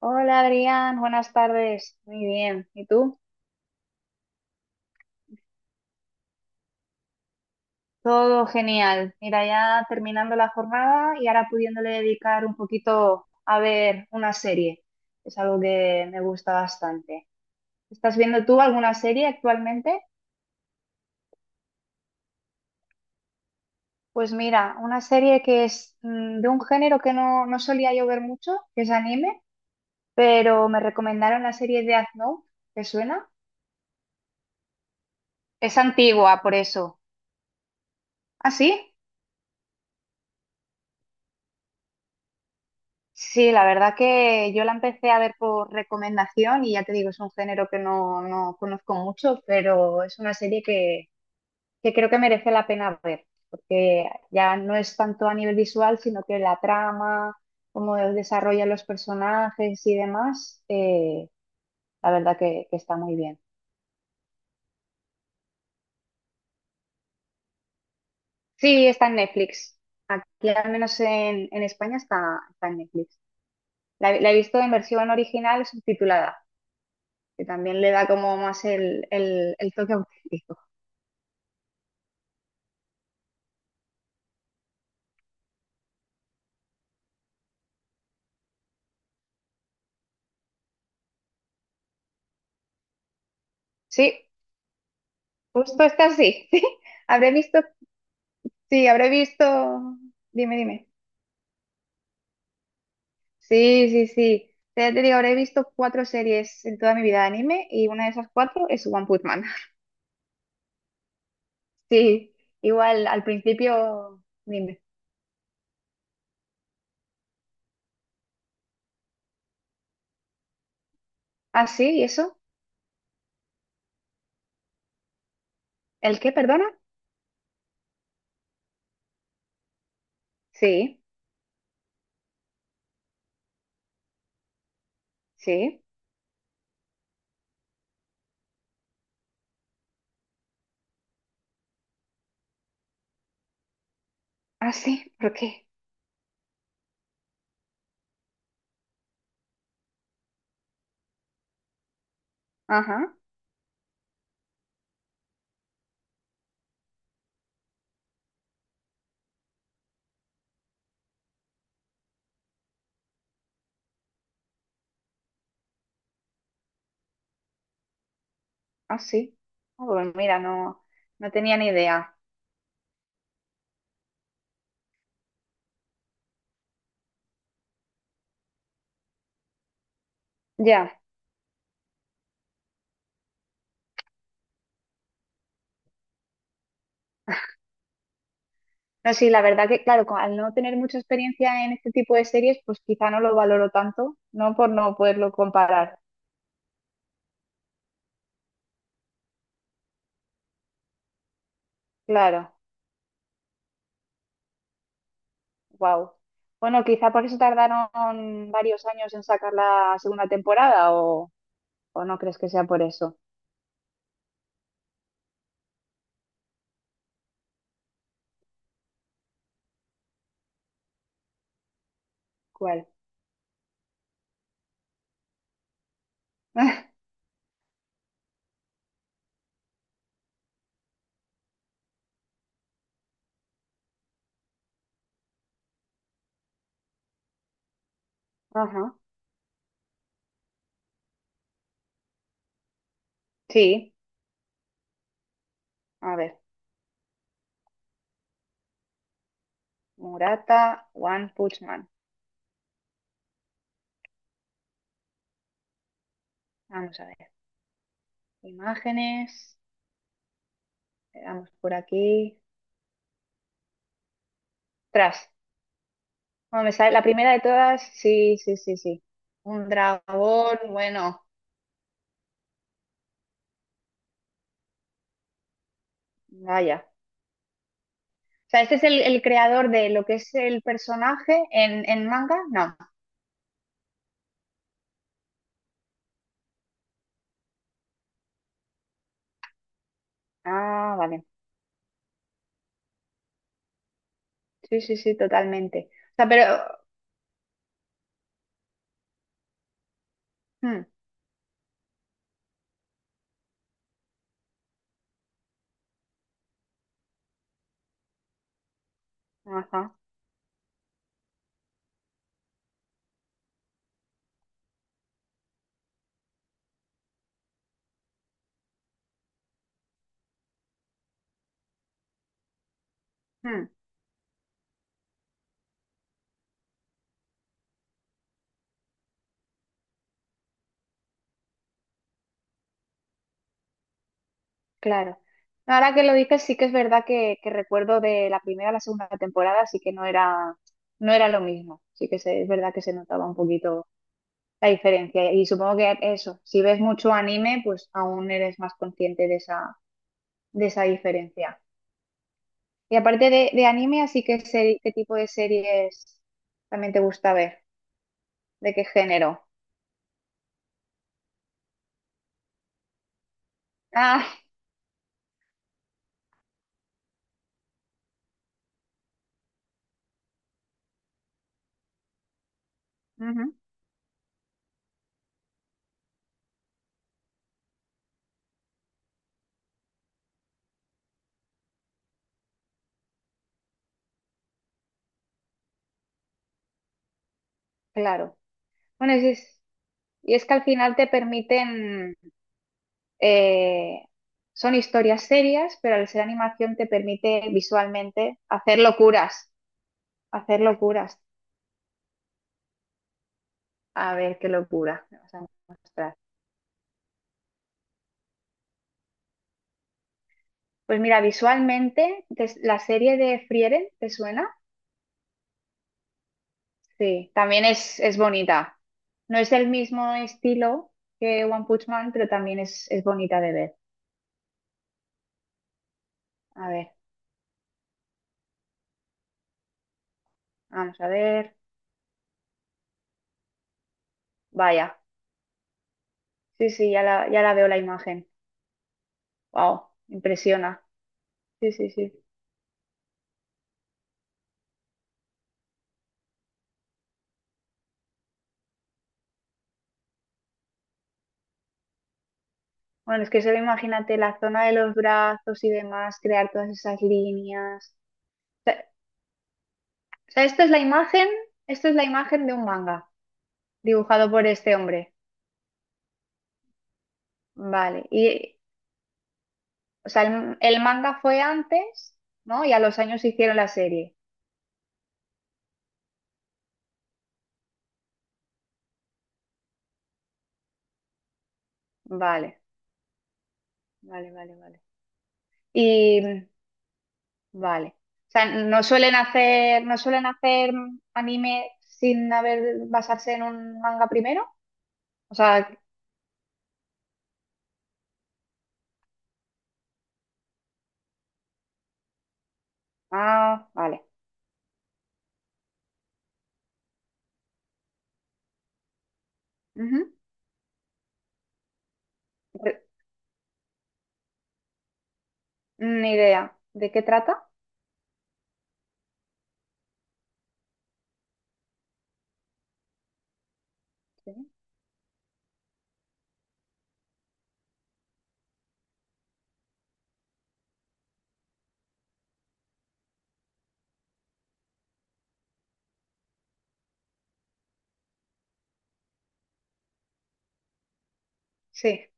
Hola Adrián, buenas tardes. Muy bien. ¿Y tú? Todo genial. Mira, ya terminando la jornada y ahora pudiéndole dedicar un poquito a ver una serie. Es algo que me gusta bastante. ¿Estás viendo tú alguna serie actualmente? Pues mira, una serie que es de un género que no solía yo ver mucho, que es anime, pero me recomendaron la serie de Death Note. ¿Te suena? Es antigua, por eso. ¿Ah, sí? Sí, la verdad que yo la empecé a ver por recomendación y ya te digo, es un género que no conozco mucho, pero es una serie que creo que merece la pena ver, porque ya no es tanto a nivel visual, sino que la trama, cómo desarrollan los personajes y demás, la verdad que está muy bien. Sí, está en Netflix. Aquí, al menos en España, está en Netflix. La he visto en versión original subtitulada, que también le da como más el toque auténtico. Sí, justo está así. Sí, habré visto, sí, habré visto, dime. Sí, sí, sí. Ya te digo, habré visto cuatro series en toda mi vida de anime y una de esas cuatro es One Punch Man. Sí, igual al principio, dime. Ah, sí, ¿y eso? ¿El qué, perdona? Sí, sí. Ah, sí, ¿por qué? Ajá, ah, sí. Ah, pues mira, no, no tenía ni idea. Ya. No, sí, la verdad que, claro, co- al no tener mucha experiencia en este tipo de series, pues quizá no lo valoro tanto, ¿no? Por no poderlo comparar. Claro, wow. Bueno, quizá por eso tardaron varios años en sacar la segunda temporada, o no crees que sea por eso. ¿Cuál? Ajá. Sí, a ver. Murata, One Punch Man. Vamos a ver. Imágenes. Le damos por aquí. Tras. Bueno, me sale la primera de todas. Sí, sí, sí, sí. Un dragón, bueno. Vaya. O sea, este es el creador de lo que es el personaje en manga. No. Ah, vale. Sí, sí, sí, totalmente. O sea, pero... hmm, ajá. Hmm, claro. No, ahora que lo dices, sí que es verdad que recuerdo de la primera a la segunda temporada, así que no era, no era lo mismo. Sí que se- es verdad que se notaba un poquito la diferencia. Y supongo que eso, si ves mucho anime, pues aún eres más consciente de de esa diferencia. Y aparte de anime, así que seri- ¿qué tipo de series también te gusta ver? ¿De qué género? Ah, ujú, claro. Bueno, es- es- y es que al final te permiten, eh, son historias serias, pero al ser animación te permite visualmente hacer locuras, hacer locuras. A ver qué locura me vas a mostrar. Pues mira, visualmente, te- la serie de Frieren, ¿te suena? Sí, también es bonita. No es el mismo estilo que One Punch Man, pero también es bonita de ver. A ver, vamos a ver. Vaya. Sí, sí, ya ya la veo la imagen. Wow, impresiona. Sí, sí, sí. Bueno, es que solo imagínate la zona de los brazos y demás, crear todas esas líneas. O sea, o sea, esta es la imagen, esto es la imagen de un manga dibujado por este hombre. Vale. Y, o sea, el manga fue antes, ¿no? Y a los años hicieron la serie. Vale, vale, vale, vale. Y vale. O sea, no suelen hacer, no suelen hacer anime sin haber basarse en un manga primero. O sea, ah, vale. Ujú. Re- Ni idea. ¿De qué trata? Sí. Sí.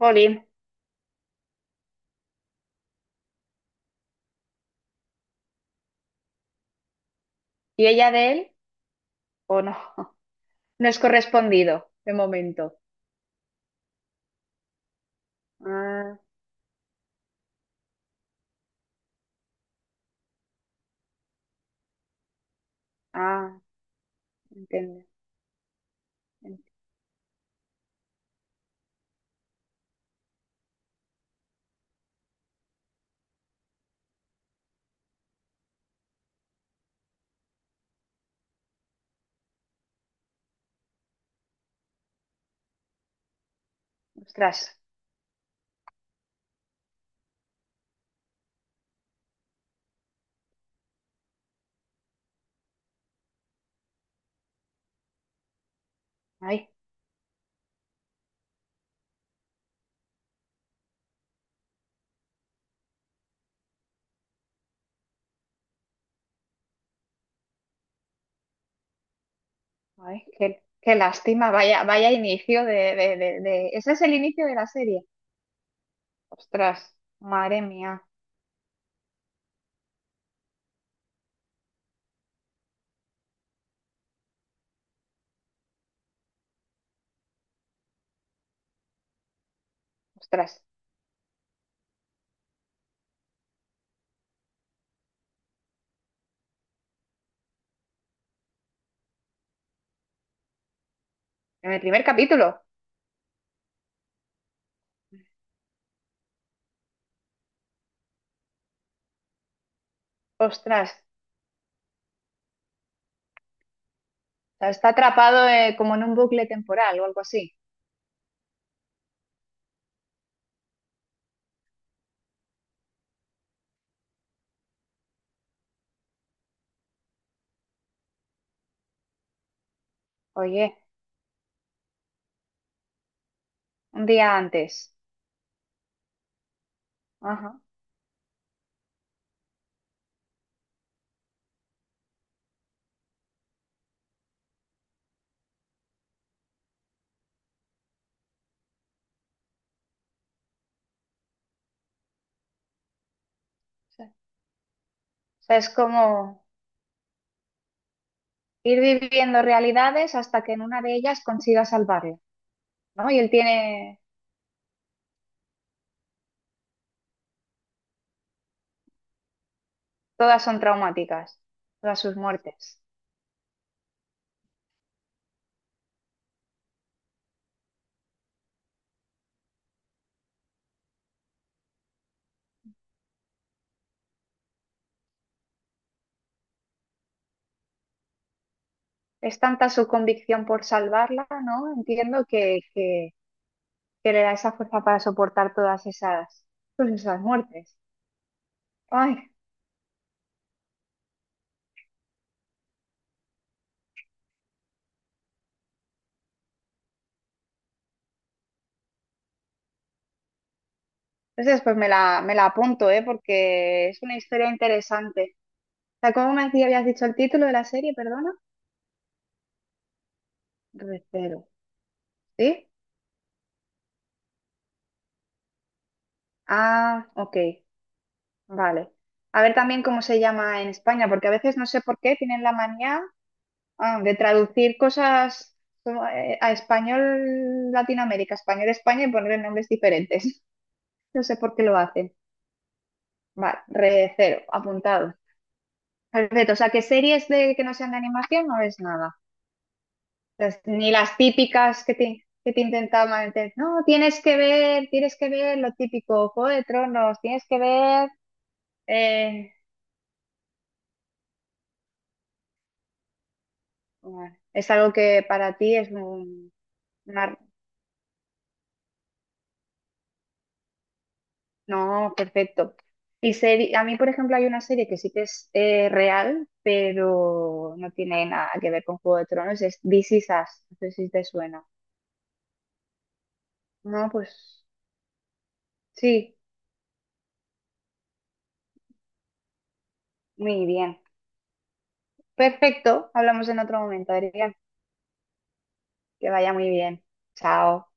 Jolín. ¿Y ella de él? ¿O no? No es correspondido de momento. Ah, ah, entiendo. Ent- Ostras. Ay. Ay, qué, qué lástima, vaya, vaya inicio de- ese es el inicio de la serie. Ostras, madre mía, ostras, en el primer capítulo, ostras, o sea, está atrapado como en un bucle temporal o algo así. Oye, un día antes. Ajá. O sea, o sea, es como ir viviendo realidades hasta que en una de ellas consiga salvarlo, ¿no? Y él tiene, todas son traumáticas, todas sus muertes. Es tanta su convicción por salvarla, ¿no? Entiendo que que le da esa fuerza para soportar todas esas, pues esas muertes. Ay, entonces pues me me la apunto, ¿eh? Porque es una historia interesante. O sea, ¿cómo me decía- habías dicho el título de la serie, perdona? Recero, ¿sí? Ah, ok, vale. A ver también cómo se llama en España, porque a veces no sé por qué tienen la manía ah, de traducir cosas como, a español Latinoamérica, español España y ponerle nombres diferentes. No sé por qué lo hacen. Vale, recero, apuntado. Perfecto, o sea, que series de que no sean de animación no ves nada. Las- ni las típicas que te intentaban meter. No, tienes que ver lo típico, Juego de Tronos, tienes que ver. Eh, bueno, es algo que para ti es un- una- No, perfecto. Y seri- a mí, por ejemplo, hay una serie que sí que es real, pero no tiene nada que ver con Juego de Tronos, es This Is Us. No sé si te suena. No, pues sí, muy bien. Perfecto, hablamos en otro momento, Adrián. Que vaya muy bien. Chao.